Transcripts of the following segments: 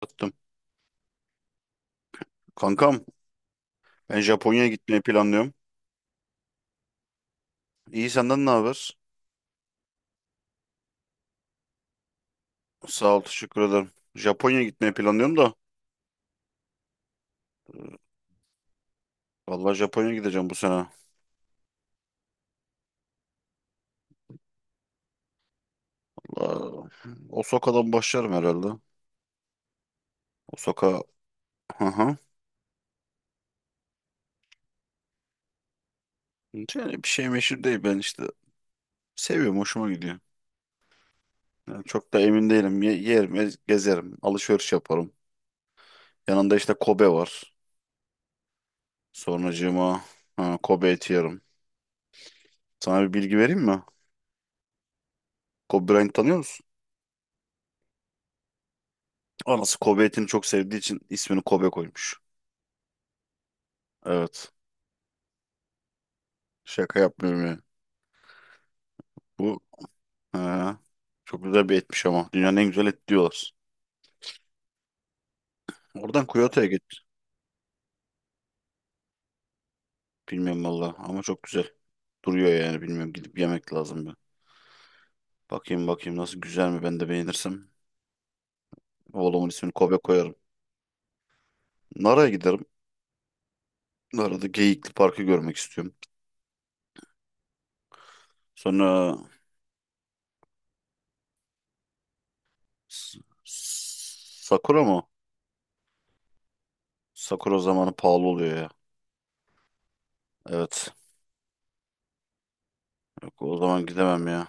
Attım. Kankam ben Japonya'ya gitmeyi planlıyorum. İyi senden ne haber? Sağ ol teşekkür ederim. Japonya'ya gitmeyi planlıyorum da. Vallahi Japonya'ya gideceğim bu sene. Valla Osaka'dan başlarım herhalde. Osaka. Hı hı. Yani bir şey meşhur değil ben işte. Seviyorum hoşuma gidiyor. Yani çok da emin değilim. Yerim gezerim. Alışveriş yaparım. Yanında işte Kobe var. Sonracığıma ha, Kobe eti yerim. Sana bir bilgi vereyim mi? Kobe Bryant tanıyor musun? Anası Kobe etini çok sevdiği için ismini Kobe koymuş. Evet. Şaka yapmıyorum ya. Bu ha, Çok güzel bir etmiş ama. Dünyanın en güzel et diyorlar. Oradan Kyoto'ya gitmiş. Bilmiyorum valla ama çok güzel. Duruyor yani bilmiyorum. Gidip yemek lazım bir. Bakayım bakayım nasıl güzel mi ben de beğenirsem. Oğlumun ismini Kobe koyarım. Nara'ya giderim. Nara'da Geyikli Park'ı görmek istiyorum. Sonra S- S- Sakura mı? Sakura zamanı pahalı oluyor ya. Evet. Yok, o zaman gidemem ya.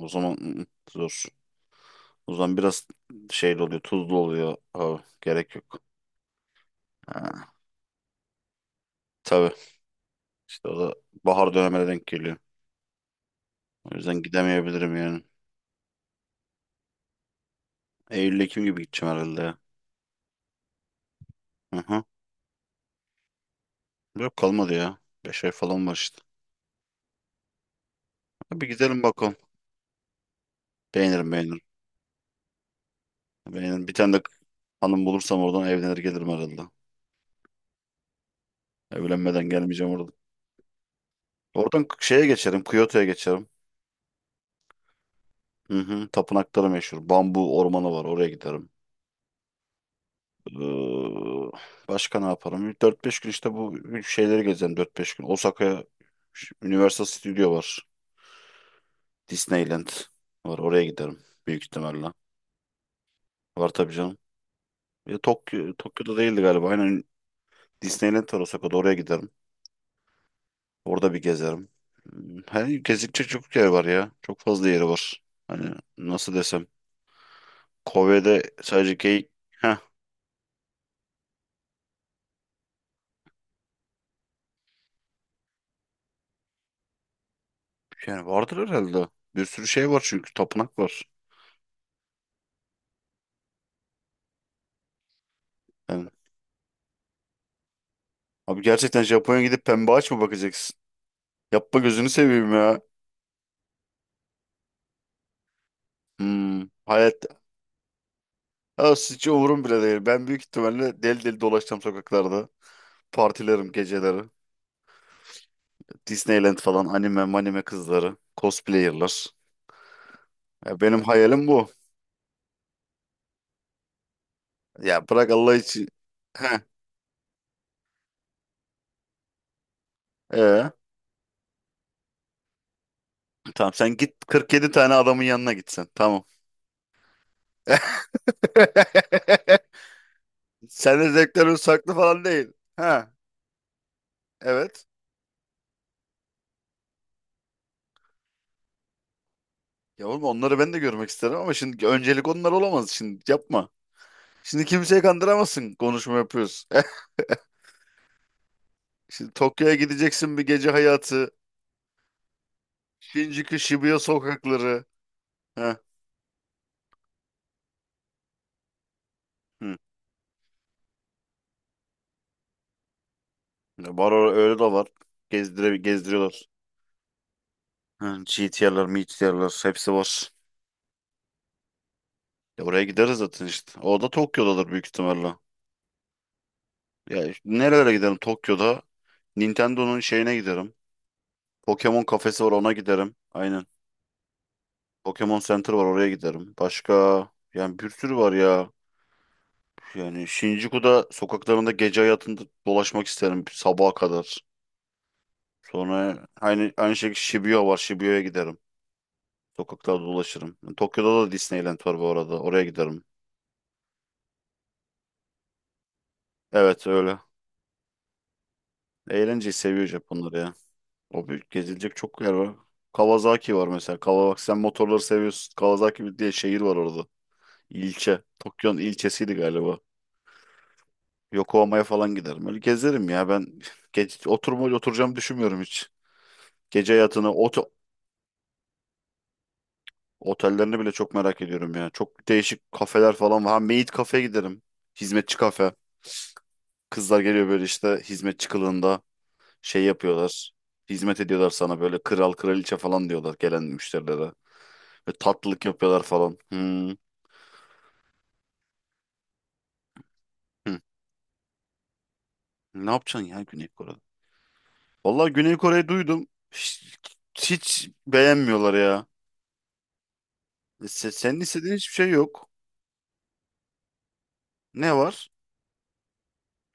O zaman zor. O zaman biraz şeyli oluyor, tuzlu oluyor. Ha, gerek yok. Ha, tabii. İşte o da bahar dönemine denk geliyor. O yüzden gidemeyebilirim yani. Eylül-Ekim gibi gideceğim herhalde ya. Hı hı. Yok kalmadı ya. 5 ay falan var işte. Bir gidelim bakalım. Beğenirim beğenirim. Beğenirim. Bir tane de hanım bulursam oradan evlenir gelirim herhalde. Evlenmeden gelmeyeceğim oradan. Oradan şeye geçerim. Kyoto'ya geçerim. Hı hı. Tapınakları meşhur. Bambu ormanı var. Oraya giderim. Ee, Başka ne yaparım? Dört beş gün işte bu şeyleri gezeceğim. Dört beş gün. Osaka'ya Universal Studio var. Disneyland var. Oraya giderim büyük ihtimalle. Var tabii canım. Tokyo'da değildi galiba. Aynen Disneyland var Osaka'da. Oraya giderim. Orada bir gezerim. Hmm, hani gezilecek çok yer var ya. Çok fazla yeri var. Hani nasıl desem. Kobe'de sadece geyik. Heh, yani vardır herhalde. Bir sürü şey var çünkü. Tapınak var. Yani, abi gerçekten Japonya'ya gidip pembe ağaç mı bakacaksın? Yapma gözünü seveyim ya. Hmm, hayat ya hiç umurum bile değil. Ben büyük ihtimalle deli deli dolaşacağım sokaklarda. Partilerim geceleri. Disneyland falan anime manime kızları. Cosplayerlar. Ya benim hayalim bu. Ya bırak Allah için. Heh. Ee, tamam sen git 47 tane adamın yanına gitsen. Tamam. Senin zevklerin saklı falan değil. Ha, evet. Ya oğlum onları ben de görmek isterim ama şimdi öncelik onlar olamaz. Şimdi yapma. Şimdi kimseyi kandıramazsın konuşma yapıyoruz. Şimdi Tokyo'ya gideceksin bir gece hayatı. Shinjuku, Shibuya sokakları. Heh. Hı. Var öyle de var. Gezdiriyorlar. Hı, GTR'lar, MTR'lar hepsi var. Ya oraya gideriz zaten işte. O da Tokyo'dadır büyük ihtimalle. Ya işte nerelere giderim Tokyo'da? Nintendo'nun şeyine giderim. Pokemon kafesi var ona giderim. Aynen. Pokemon Center var oraya giderim. Başka yani bir sürü var ya. Yani Shinjuku'da sokaklarında gece hayatında dolaşmak isterim sabaha kadar. Sonra aynı aynı şekilde Shibuya var. Shibuya'ya giderim. Sokaklarda dolaşırım. Tokyo'da da Disneyland var bu arada. Oraya giderim. Evet öyle. Eğlenceyi seviyor Japonlar ya. O büyük gezilecek çok yer var. Kawasaki var mesela. Kawasaki sen motorları seviyorsun. Kawasaki diye şehir var orada. İlçe. Tokyo'nun ilçesiydi galiba. Yokohama'ya falan giderim. Öyle gezerim ya ben. Oturacağımı düşünmüyorum hiç. Gece hayatını. Otellerini bile çok merak ediyorum ya. Çok değişik kafeler falan var. Ha maid kafeye giderim. Hizmetçi kafe. Kızlar geliyor böyle işte hizmetçi kılığında şey yapıyorlar. Hizmet ediyorlar sana böyle kral kraliçe falan diyorlar gelen müşterilere. Ve tatlılık yapıyorlar falan. Hmm. Hı. Ne yapacaksın ya Güney Kore'de? Vallahi Güney Kore'yi duydum. Hiç beğenmiyorlar ya. Senin istediğin hiçbir şey yok. Ne var?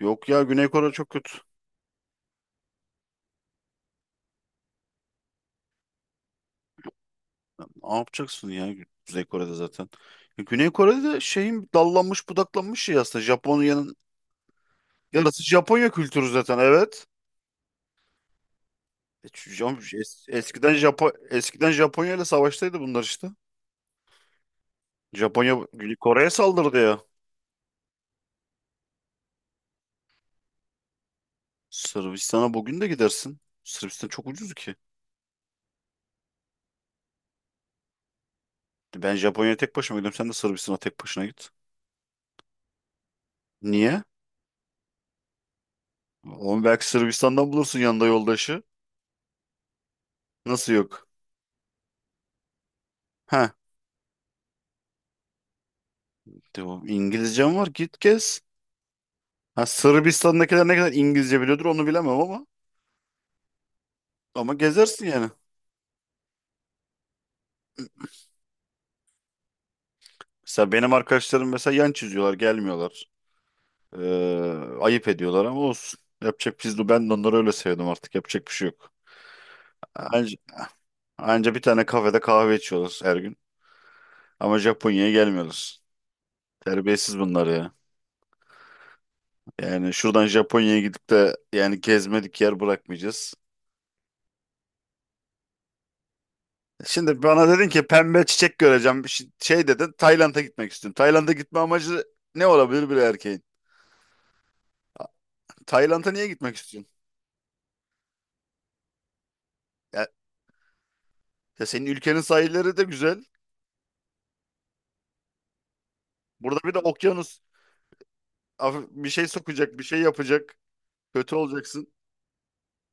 Yok ya Güney Kore çok kötü. Ne yapacaksın ya Kuzey Kore'de zaten. Ya Güney Kore'de de şeyin dallanmış budaklanmış şey aslında. Japonya'nın yarısı Japonya kültürü zaten evet. Eskiden eskiden Japonya ile savaştaydı bunlar işte. Japonya Güney Kore'ye saldırdı ya. Sırbistan'a bugün de gidersin. Sırbistan çok ucuz ki. Ben Japonya'ya tek başıma gidiyorum. Sen de Sırbistan'a tek başına git. Niye? Oğlum belki Sırbistan'dan bulursun yanında yoldaşı. Nasıl yok? Ha. İngilizcem var git gez. Ha, Sırbistan'dakiler ne kadar İngilizce biliyordur onu bilemem ama gezersin yani. Mesela benim arkadaşlarım mesela yan çiziyorlar, gelmiyorlar. Ayıp ediyorlar ama olsun. Yapacak biz de Ben de onları öyle sevdim artık. Yapacak bir şey yok. Anca, anca bir tane kafede kahve içiyoruz her gün. Ama Japonya'ya gelmiyoruz. Terbiyesiz bunlar ya. Yani şuradan Japonya'ya gidip de yani gezmedik yer bırakmayacağız. Şimdi bana dedin ki pembe çiçek göreceğim. Bir Şey şey Dedin Tayland'a gitmek istiyorum. Tayland'a gitme amacı ne olabilir bir erkeğin? Tayland'a niye gitmek istiyorsun? Ya, Ya senin ülkenin sahilleri de güzel. Burada bir de okyanus. Bir şey sokacak, bir şey yapacak. Kötü olacaksın.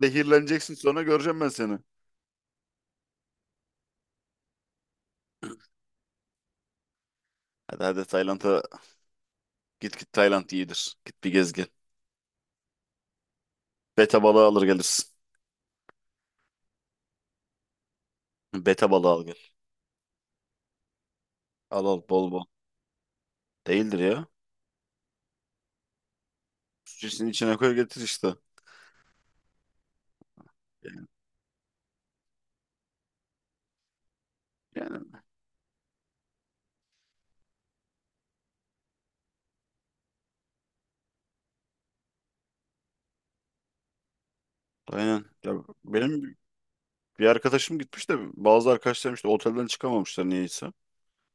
Zehirleneceksin sonra göreceğim ben seni. Hadi hadi Tayland'a git Tayland iyidir. Git bir gez gel. Beta balığı alır gelirsin. Beta balığı al gel. Al al bol bol. Değildir ya. Sütçesinin içine koy getir işte. Yani, yani aynen. Ya benim bir arkadaşım gitmiş de bazı arkadaşlarım işte otelden çıkamamışlar niyeyse.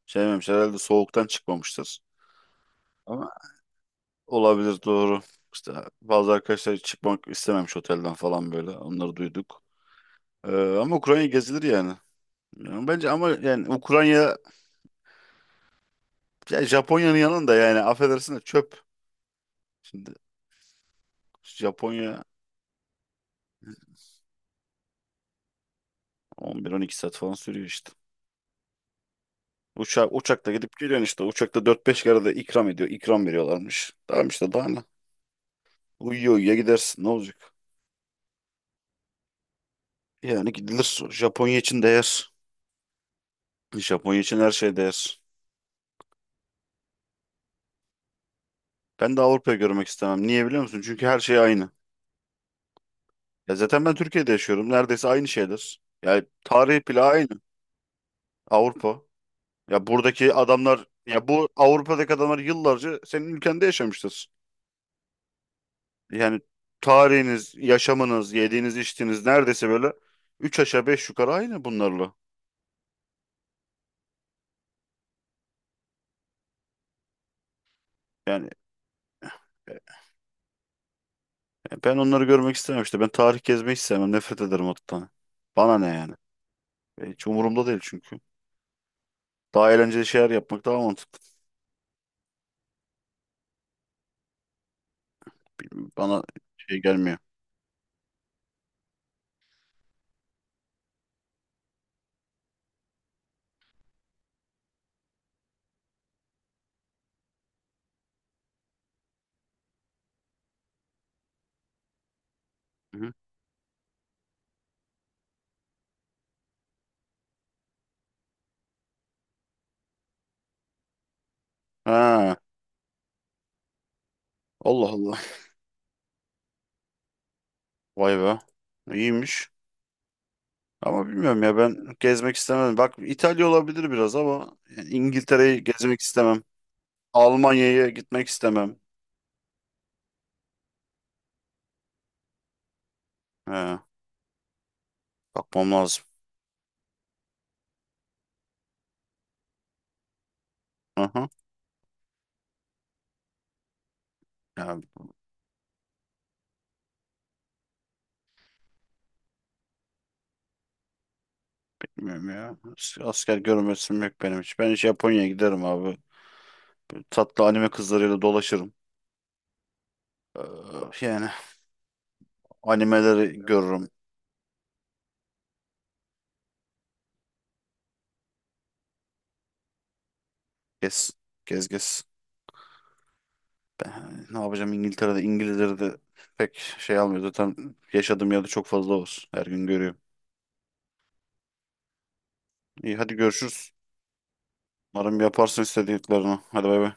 Sevmemişler herhalde soğuktan çıkmamışlar. Ama Olabilir doğru. İşte bazı arkadaşlar hiç çıkmak istememiş otelden falan böyle. Onları duyduk. Ama Ukrayna gezilir yani. Yani bence ama yani Ukrayna ya Japonya'nın yanında yani affedersin de çöp. Şimdi Japonya 11-12 saat falan sürüyor işte. Uçakla gidip geliyorsun işte. Uçakta dört beş kere de ikram ediyor. İkram veriyorlarmış. Tamam işte daha ne? Uyuyor uyuyor gidersin ne olacak? Yani gidilir. Japonya için değer. Japonya için her şey değer. Ben de Avrupa'yı görmek istemem. Niye biliyor musun? Çünkü her şey aynı. Ya zaten ben Türkiye'de yaşıyorum. Neredeyse aynı şeyler. Yani tarih bile aynı. Avrupa. Ya buradaki adamlar ya bu Avrupa'daki adamlar yıllarca senin ülkende yaşamıştır. Yani tarihiniz, yaşamınız, yediğiniz, içtiğiniz neredeyse böyle üç aşağı beş yukarı aynı bunlarla. Yani e, Ben onları görmek istemem işte. Ben tarih gezmeyi hiç sevmem. Nefret ederim o tane. Bana ne yani? Hiç umurumda değil çünkü. Daha eğlenceli şeyler yapmak daha mantıklı. Bana şey gelmiyor. Hı hı. Ha, Allah Allah. Vay be. İyiymiş. Ama bilmiyorum ya ben gezmek istemem. Bak İtalya olabilir biraz ama yani İngiltere'yi gezmek istemem. Almanya'ya gitmek istemem. He, bakmam lazım. Aha. Ya bilmiyorum ya. Asker görmesim yok benim hiç. Ben hiç Japonya'ya giderim abi. Tatlı anime kızlarıyla dolaşırım. Ee, yani Animeleri görürüm. Gez Gez gez. Ben ne yapacağım İngiltere'de? İngilizleri de pek şey almıyor. Zaten yaşadığım yerde çok fazla var. Her gün görüyorum. İyi hadi görüşürüz. Umarım yaparsın istediklerini. Hadi bay bay.